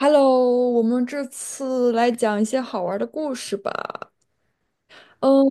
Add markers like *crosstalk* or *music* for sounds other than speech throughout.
Hello，我们这次来讲一些好玩的故事吧。嗯，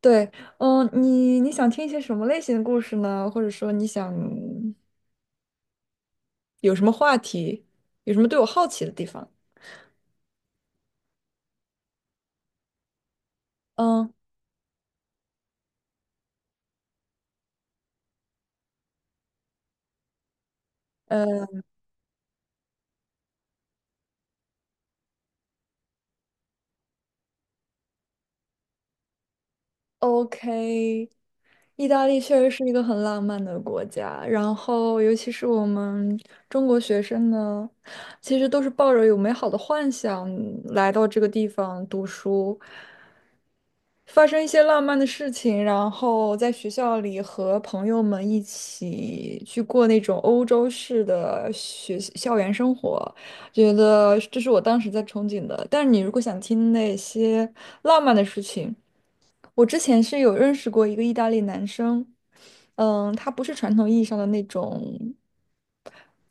对，嗯，你想听一些什么类型的故事呢？或者说你想有什么话题，有什么对我好奇的地方？嗯，呃，OK，意大利确实是一个很浪漫的国家，然后尤其是我们中国学生呢，其实都是抱着有美好的幻想来到这个地方读书。发生一些浪漫的事情，然后在学校里和朋友们一起去过那种欧洲式的学校园生活，觉得这是我当时在憧憬的。但是你如果想听那些浪漫的事情，我之前是有认识过一个意大利男生，嗯，他不是传统意义上的那种。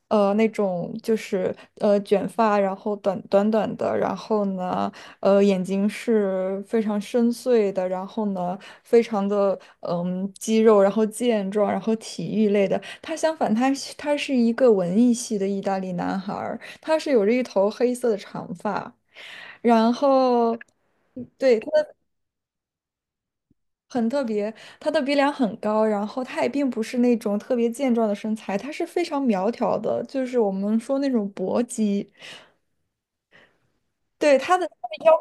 那种就是卷发，然后短的，然后呢眼睛是非常深邃的，然后呢非常的肌肉，然后健壮，然后体育类的。他相反，他是一个文艺系的意大利男孩儿，他是有着一头黑色的长发，然后。嗯对，很特别，他的鼻梁很高，然后他也并不是那种特别健壮的身材，他是非常苗条的，就是我们说那种薄肌。对，他的她的腰，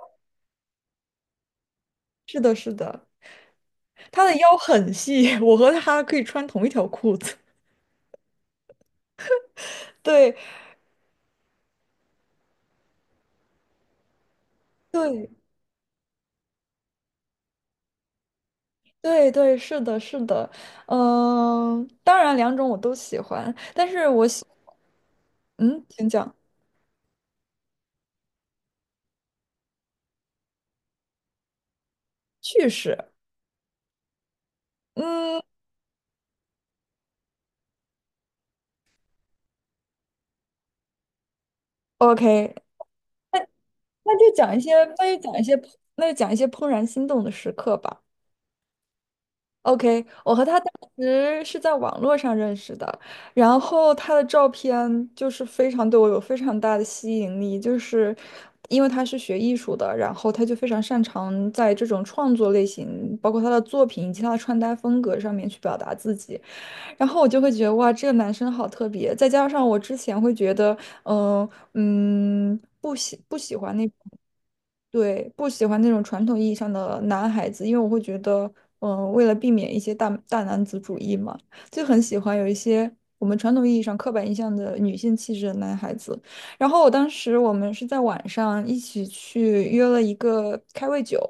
是的，是的，他的腰很细，*laughs* 我和他可以穿同一条裤子。*laughs* 对，对，对，对，是的，是的，嗯、当然两种我都喜欢，但是我喜，嗯，请讲趣事，嗯，OK，那那就讲一些，那就讲一些，那就讲一些怦然心动的时刻吧。OK，我和他当时是在网络上认识的，然后他的照片就是非常对我有非常大的吸引力，就是因为他是学艺术的，然后他就非常擅长在这种创作类型，包括他的作品以及他的穿搭风格上面去表达自己，然后我就会觉得哇，这个男生好特别，再加上我之前会觉得，嗯、不喜欢那种。对，不喜欢那种传统意义上的男孩子，因为我会觉得，嗯，为了避免一些大男子主义嘛，就很喜欢有一些我们传统意义上刻板印象的女性气质的男孩子。然后我当时我们是在晚上一起去约了一个开胃酒，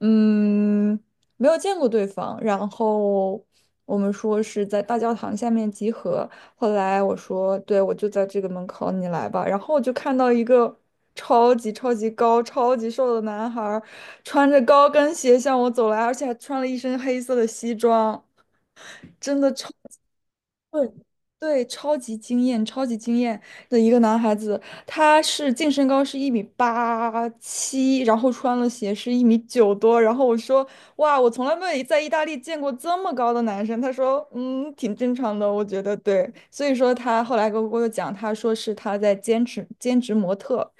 嗯，没有见过对方，然后我们说是在大教堂下面集合，后来我说，对，我就在这个门口，你来吧。然后我就看到一个超级超级高、超级瘦的男孩儿，穿着高跟鞋向我走来，而且还穿了一身黑色的西装，真的超。对，对，超级惊艳，超级惊艳的一个男孩子，他是净身高是1米87，然后穿了鞋是1米9多，然后我说哇，我从来没有在意大利见过这么高的男生。他说嗯，挺正常的，我觉得对。所以说他后来跟我讲，他说是他在兼职模特，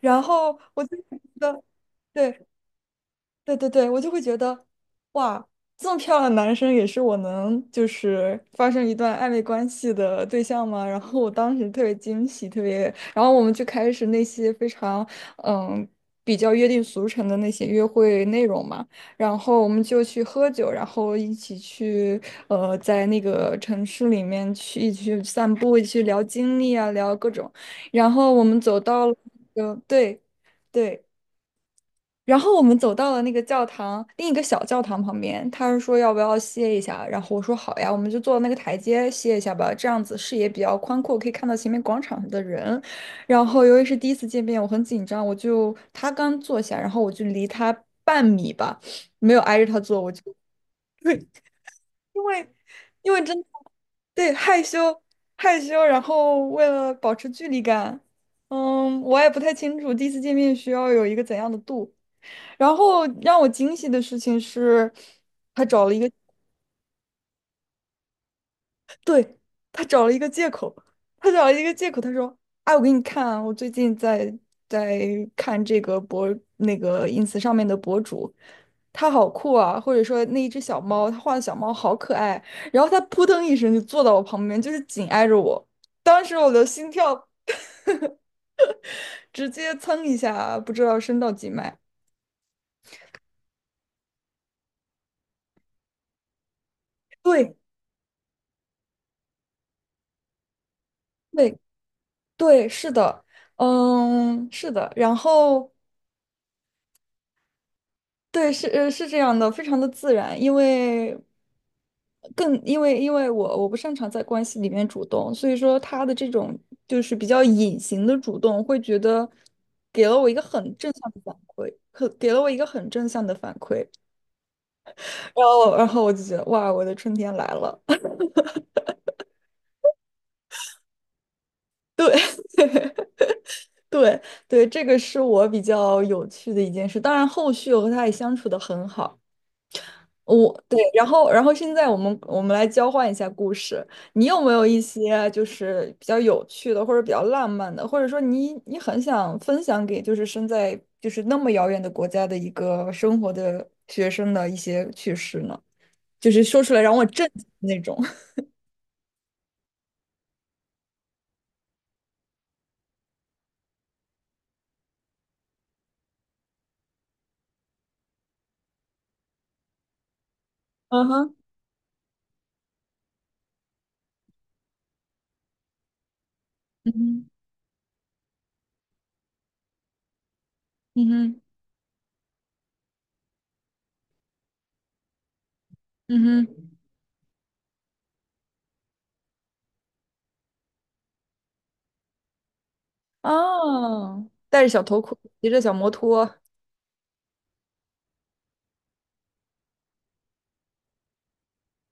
然后我就觉得。对，对对对，我就会觉得，哇，这么漂亮的男生也是我能就是发生一段暧昧关系的对象吗？*laughs* 然后我当时特别惊喜，特别，然后我们就开始那些非常嗯比较约定俗成的那些约会内容嘛，然后我们就去喝酒，然后一起去在那个城市里面去一起去散步，一起去聊经历啊，聊各种，然后我们走到了，对。对，然后我们走到了那个教堂，另一个小教堂旁边，他是说要不要歇一下，然后我说好呀，我们就坐那个台阶歇一下吧，这样子视野比较宽阔，可以看到前面广场上的人。然后由于是第一次见面，我很紧张，我就他刚坐下，然后我就离他半米吧，没有挨着他坐，我就 *laughs* 对，因为因为真的对害羞害羞，然后为了保持距离感，嗯，我也不太清楚第一次见面需要有一个怎样的度。然后让我惊喜的事情是，他找了一个，对，他找了一个借口，他找了一个借口，他说：“哎，我给你看啊，我最近在在看这个那个 ins 上面的博主，他好酷啊，或者说那一只小猫，他画的小猫好可爱。”然后他扑腾一声就坐到我旁边，就是紧挨着我，当时我的心跳直接蹭一下，不知道升到几迈。对对对，是的。嗯，是的，然后对，是这样的，非常的自然，因为因为我不擅长在关系里面主动，所以说他的这种就是比较隐形的主动，会觉得给了我一个很正向的反馈，然后我就觉得哇，我的春天来了。*laughs* 对对，这个是我比较有趣的一件事，当然后续我和他也相处的很好。对，然后现在我们来交换一下故事，你有没有一些就是比较有趣的，或者比较浪漫的，或者说你很想分享给就是身在就是那么遥远的国家的一个生活的学生的一些趣事呢？就是说出来让我震惊的那种。*laughs* 嗯哼，嗯哼，嗯哼，嗯哼，哦，戴着小头盔，骑着小摩托，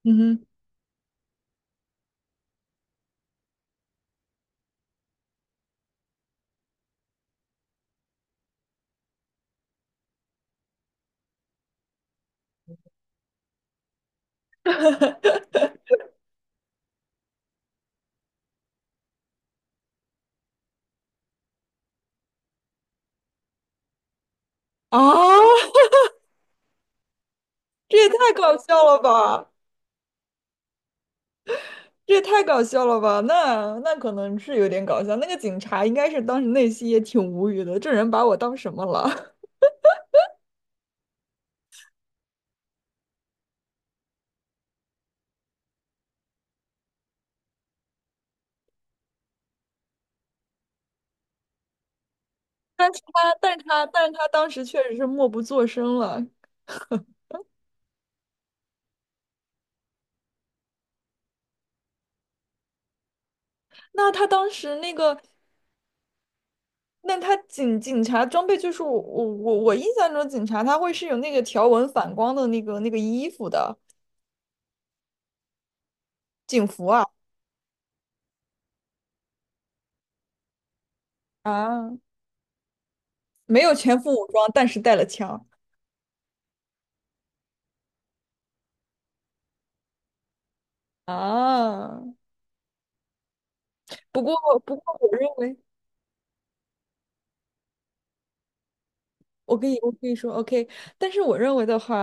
嗯哼，啊，这也太搞笑了吧！这也太搞笑了吧？那可能是有点搞笑。那个警察应该是当时内心也挺无语的，这人把我当什么了？*laughs* 但是他当时确实是默不作声了。那他当时那个，那他警察装备就是我印象中警察他会是有那个条纹反光的那个那个衣服的警服啊啊，没有全副武装，但是带了枪啊。不过不过我认为，我跟你我可以说 OK。但是我认为的话，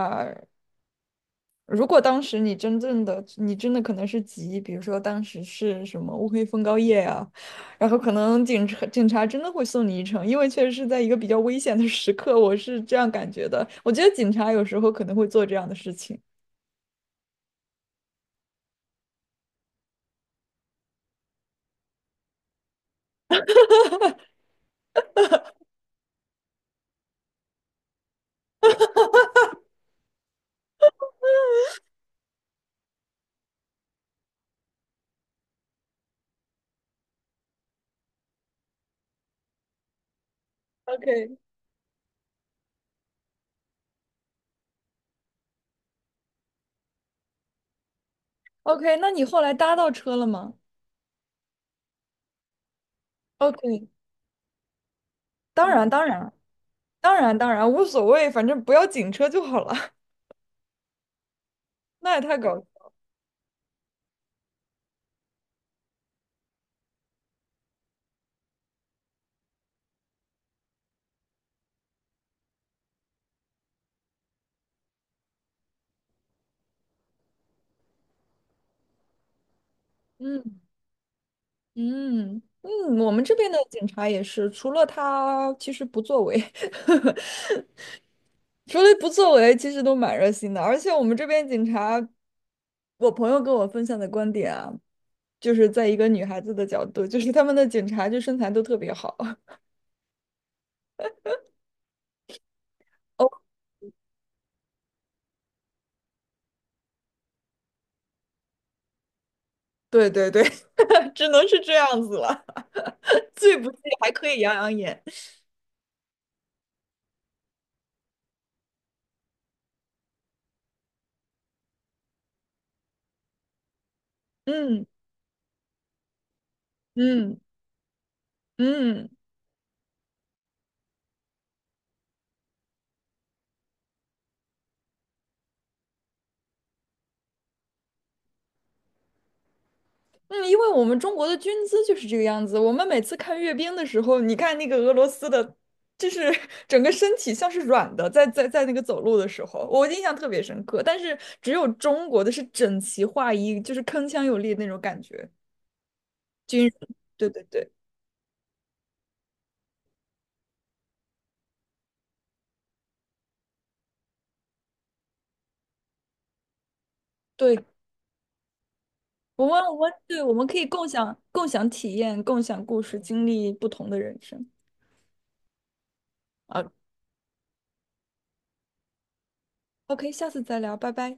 如果当时你真正的，你真的可能是急，比如说当时是什么乌黑风高夜啊，然后可能警察真的会送你一程，因为确实是在一个比较危险的时刻，我是这样感觉的。我觉得警察有时候可能会做这样的事情。OK OK，那你后来搭到车了吗？OK，当然当然当然当然无所谓，反正不要警车就好了。*laughs* 那也太搞笑嗯嗯嗯，我们这边的警察也是，除了他其实不作为。*laughs* 除了不作为，其实都蛮热心的。而且我们这边警察，我朋友跟我分享的观点啊，就是在一个女孩子的角度，就是他们的警察就身材都特别好。哦，对对对，*laughs* 只能是这样子了，*laughs* 最不济还可以养养眼。嗯嗯嗯。嗯，因为我们中国的军姿就是这个样子。我们每次看阅兵的时候，你看那个俄罗斯的，就是 *laughs* 整个身体像是软的，在在那个走路的时候，我印象特别深刻。但是只有中国的是整齐划一，就是铿锵有力的那种感觉。军人，对对对对，我们对，我们可以共享体验，共享故事，经历不同的人生。啊，OK，下次再聊，拜拜。